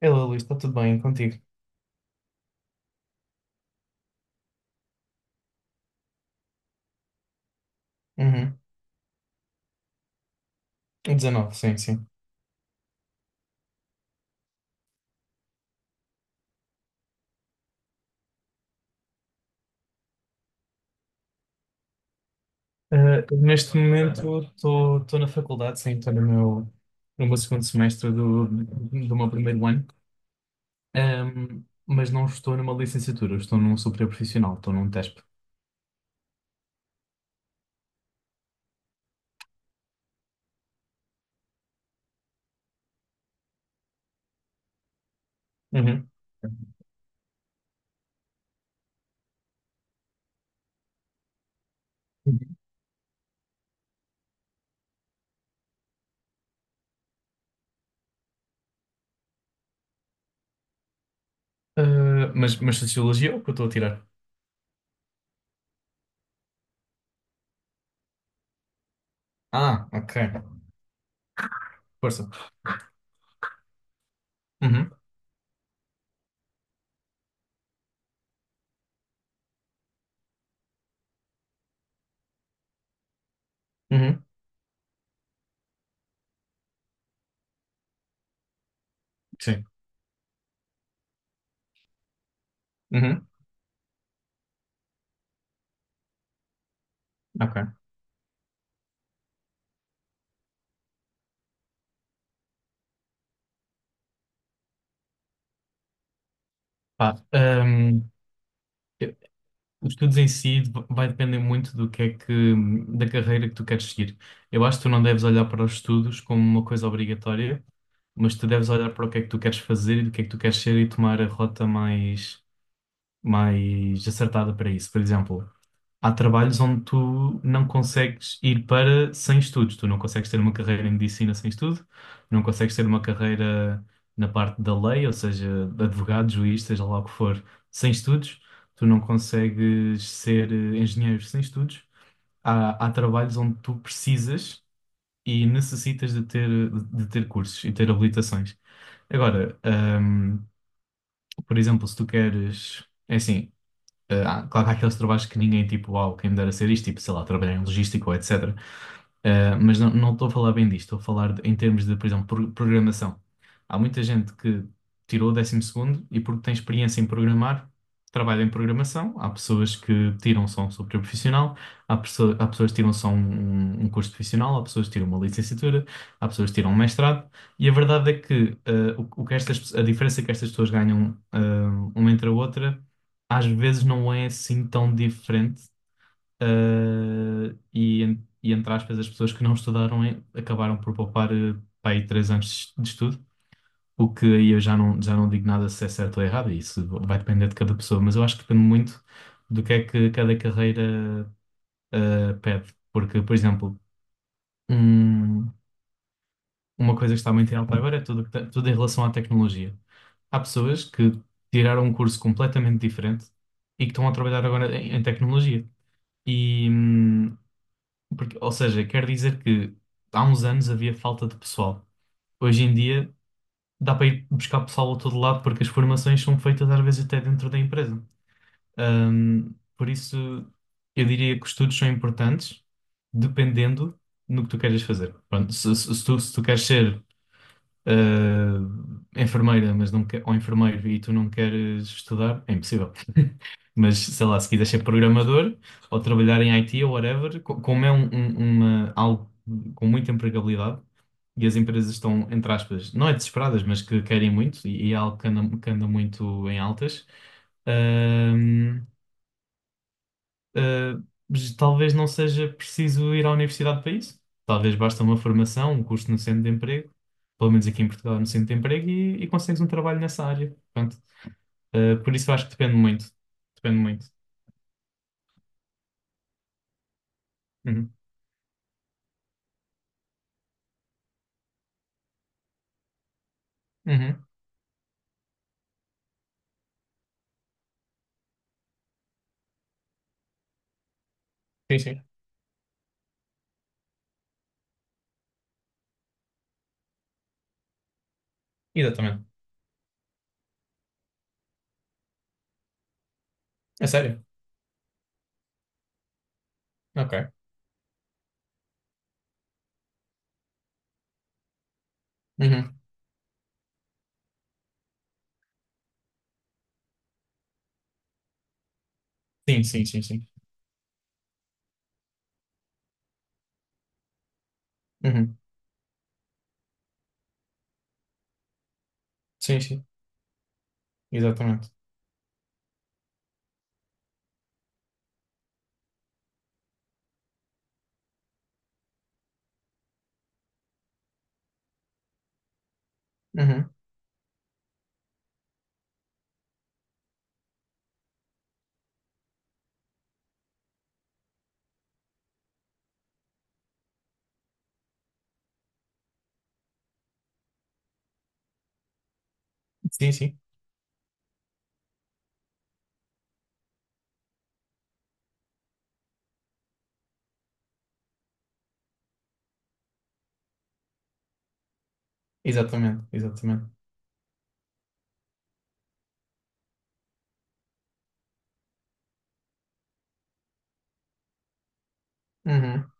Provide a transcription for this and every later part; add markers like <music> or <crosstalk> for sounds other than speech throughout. Hello, Luís, está tudo bem contigo? Uhum. 19, sim, sim. Ah, neste momento estou na faculdade, sim, estou no meu segundo semestre do meu primeiro ano. Mas não estou numa licenciatura, estou num superior profissional, estou num TESP. Uhum. Ah, mas Sociologia é o que eu estou a tirar? Ah, ok, força. Uhum. Uhum. Sim. Uhum. Ok. Pá, os estudos em si vai depender muito do que é que, da carreira que tu queres seguir. Eu acho que tu não deves olhar para os estudos como uma coisa obrigatória, mas tu deves olhar para o que é que tu queres fazer e do que é que tu queres ser e tomar a rota mais acertada para isso. Por exemplo, há trabalhos onde tu não consegues ir para sem estudos. Tu não consegues ter uma carreira em medicina sem estudo, não consegues ter uma carreira na parte da lei, ou seja, de advogado, juiz, seja lá o que for, sem estudos. Tu não consegues ser engenheiro sem estudos. Há trabalhos onde tu precisas e necessitas de ter cursos e ter habilitações. Agora, por exemplo, se tu queres. É assim, claro que há aqueles trabalhos que ninguém, tipo, uau, quem me dera ser isto, tipo, sei lá, trabalhar em logística ou etc. Mas não estou a falar bem disto, estou a falar em termos de, por exemplo, programação. Há muita gente que tirou o décimo segundo e porque tem experiência em programar, trabalha em programação. Há pessoas que tiram só um software profissional, há pessoas que tiram só um curso profissional, há pessoas que tiram uma licenciatura, há pessoas que tiram um mestrado. E a verdade é que, o que estas, pe- a diferença é que estas pessoas ganham, uma entre a outra às vezes não é assim tão diferente, e entre aspas, as pessoas que não estudaram acabaram por poupar pá, aí 3 anos de estudo, o que aí eu já não digo nada se é certo ou errado, isso vai depender de cada pessoa, mas eu acho que depende muito do que é que cada carreira pede, porque, por exemplo, um- uma coisa que está muito em alta agora é tudo, tudo em relação à tecnologia. Há pessoas que tiraram um curso completamente diferente e que estão a trabalhar agora em tecnologia. E, hum, ou seja, quer dizer que há uns anos havia falta de pessoal. Hoje em dia dá para ir buscar pessoal a todo lado porque as formações são feitas às vezes até dentro da empresa. Por isso, eu diria que os estudos são importantes dependendo no que tu queres fazer. Pronto, se tu queres ser enfermeira, mas não quer, ou enfermeiro e tu não queres estudar, é impossível. <laughs> Mas sei lá, se quiseres ser programador ou trabalhar em IT ou whatever, co- como é um- um- uma, algo com muita empregabilidade e as empresas estão, entre aspas, não é desesperadas, mas que querem muito e é algo que anda muito em altas. ah, Uh, mas talvez não seja preciso ir à universidade para isso. Talvez basta uma formação, um curso no centro de emprego, pelo menos aqui em Portugal, no centro de emprego, e consegues um trabalho nessa área. Portanto, por isso eu acho que depende muito. Depende muito. Uhum. Uhum. Sim, sim. Exatamente. É sério? Ok. Uhum. Sim, sim, sim, sim. Uhum. Sim, sim. Exatamente. Uhum. Sim, sim. Exatamente. Exatamente. Uhum.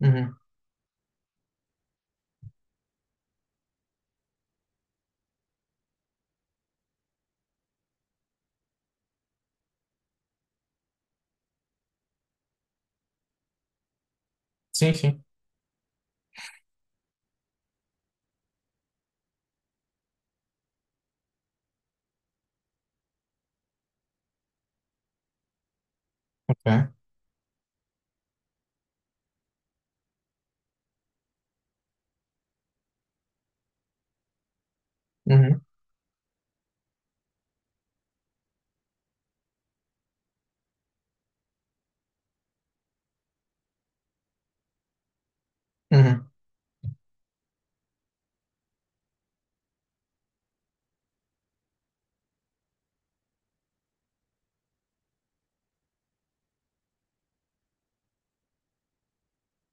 Uhum. Sim, sim. Ok. Uhum. Uhum.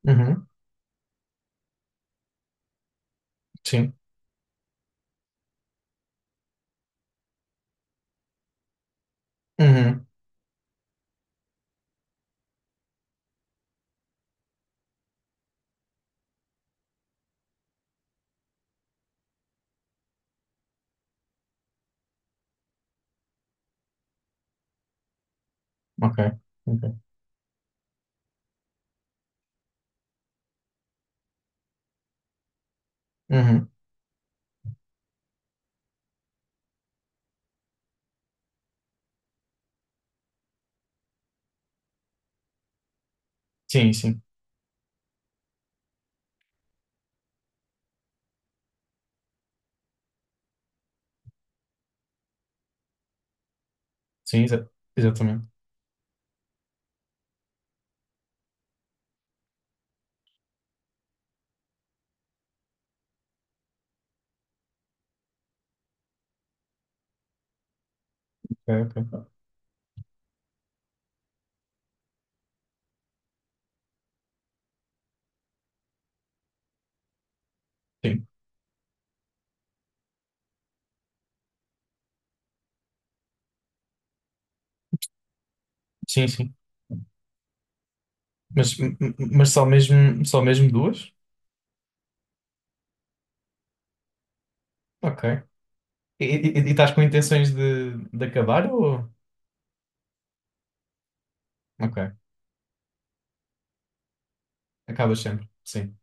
Uhum. Sim. Uhum. Ok. Ok. Uhum. Sim, sim. Sim, exatamente. Ok, ok. Sim, sim, sim. Mas só mesmo duas? Ok. E estás com intenções de acabar ou... Ok. Acabas sempre. Sim.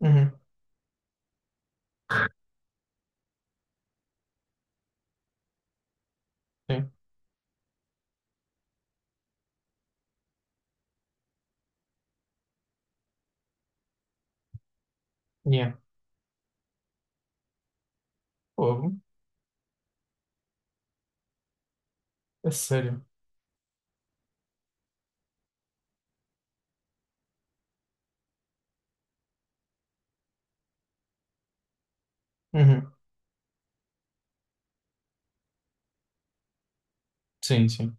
Uhum. Sim. Yeah. Fogo. É sério. Uhum. Sim, sim.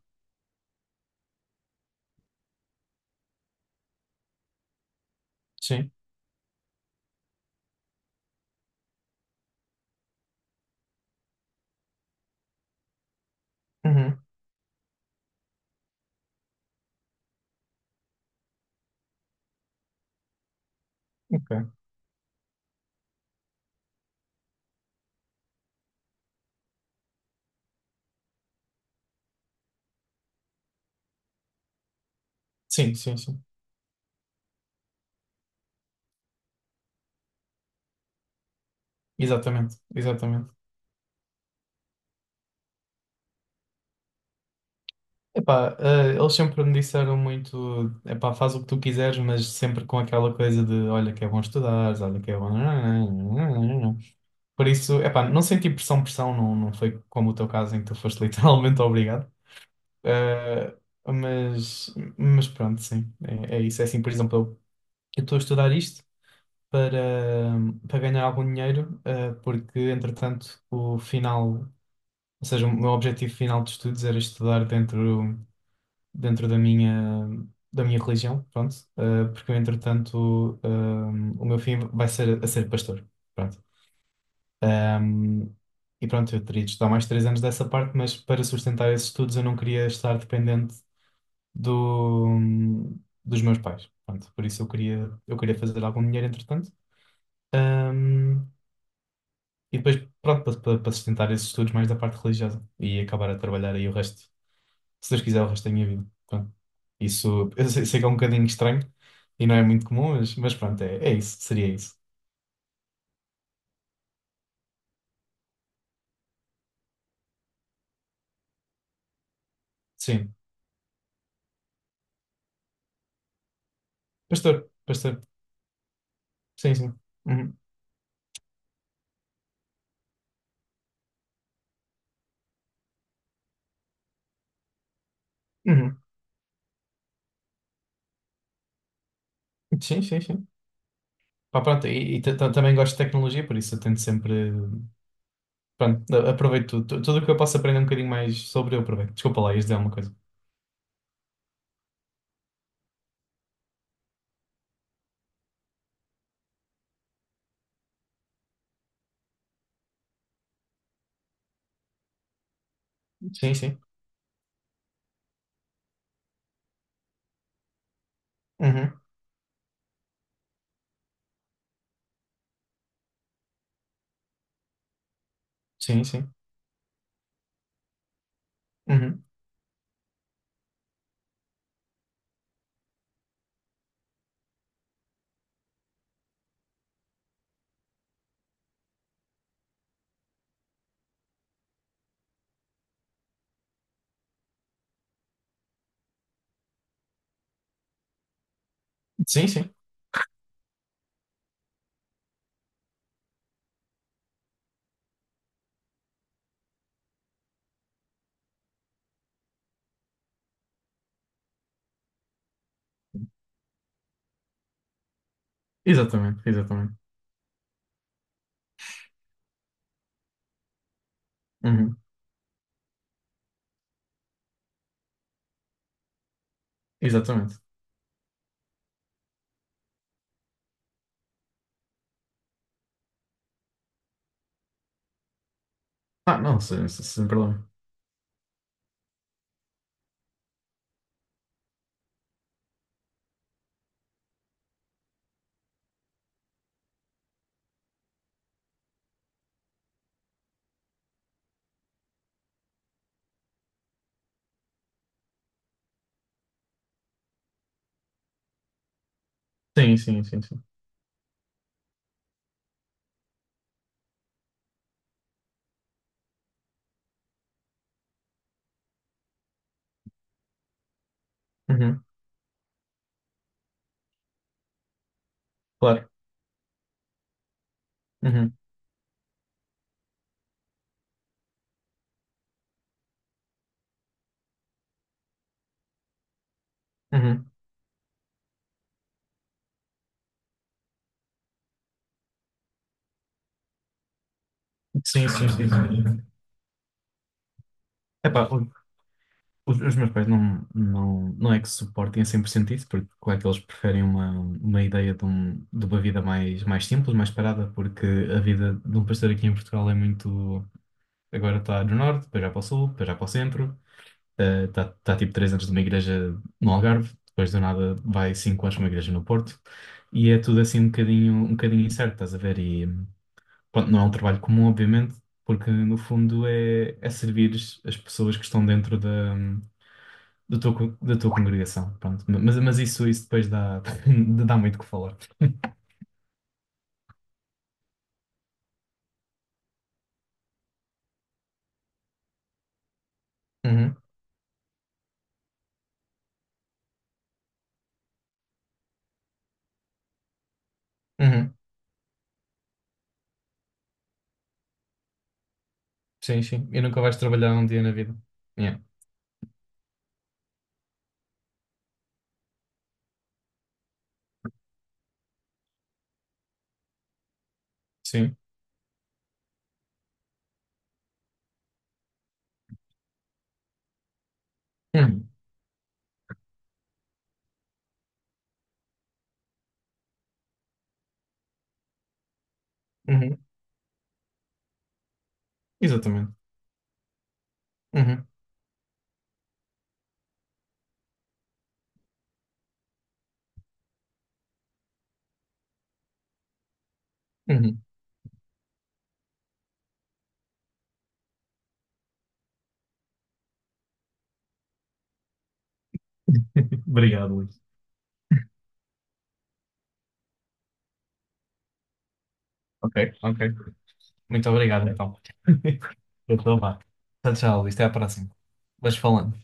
Sim. Uhum. Ok. Sim, sim, sim. Exatamente. Exatamente. Epá, eles sempre me disseram muito, epá, faz o que tu quiseres, mas sempre com aquela coisa de, olha que é bom estudares, olha que é bom... <laughs> Por isso, epá, não senti pressão, pressão, não foi como o teu caso em que tu foste <laughs> literalmente obrigado. Eh, mas pronto, sim, é isso. É assim, por exemplo, eu estou a estudar isto para, para ganhar algum dinheiro, porque entretanto o final, ou seja, o meu objetivo final de estudos era estudar dentro da minha religião, pronto, porque eu, entretanto, o meu filho vai ser a ser pastor, pronto. Ehm, e pronto, eu teria de estudar mais 3 anos dessa parte, mas para sustentar esses estudos eu não queria estar dependente do, dos meus pais, pronto. Por isso eu queria fazer algum dinheiro, entretanto. Ehm, e depois, pronto, para sustentar esses estudos mais da parte religiosa e acabar a trabalhar aí o resto. Se Deus quiser, o resto da minha vida. Pronto. Isso, eu sei que é um bocadinho estranho e não é muito comum, mas pronto, é isso, seria isso. Sim. Pastor, pastor. Sim, sim. Uhum. Uhum. Sim, sim, sim. Pá, pronto, e também gosto de tecnologia, por isso eu tento sempre. Pronto, aproveito tudo. Tudo o que eu posso aprender um bocadinho mais sobre, eu aproveito. Desculpa lá, ias dizer alguma coisa. Sim, sim. Uhum. Sim, sim. Uhum. Sim, sim. Exatamente, exatamente. Uhum. Exatamente. Ah, não, sem problema. Sim, sim, sim, sim. Uhum. Claro. Uhum. Uhum. Sim, sim, sim, sim. Epá, os meus pais não é que suportem a 100% isso, porque claro que eles preferem uma ideia de uma vida mais simples, mais parada, porque a vida de um pastor aqui em Portugal é muito. Agora está no norte, depois já para o sul, depois já para o centro, está tipo 3 anos numa igreja no Algarve, depois do nada vai 5 anos para uma igreja no Porto, e é tudo assim um bocadinho incerto, estás a ver? E pronto, não é um trabalho comum, obviamente, porque no fundo é servir as pessoas que estão dentro da tua congregação, pronto. Mas isso depois dá, <laughs> dá muito o que falar. Uhum, uhum. Sim, sim. E nunca vais trabalhar um dia na vida. Yeah. Sim. Uhum, uhum. Exatamente. Uhum, uhum. <laughs> Obrigado, Luís. Ok, ok. Muito obrigado, então. <laughs> Eu estou lá. Tchau, tchau, Luís. Até à próxima. Vais falando.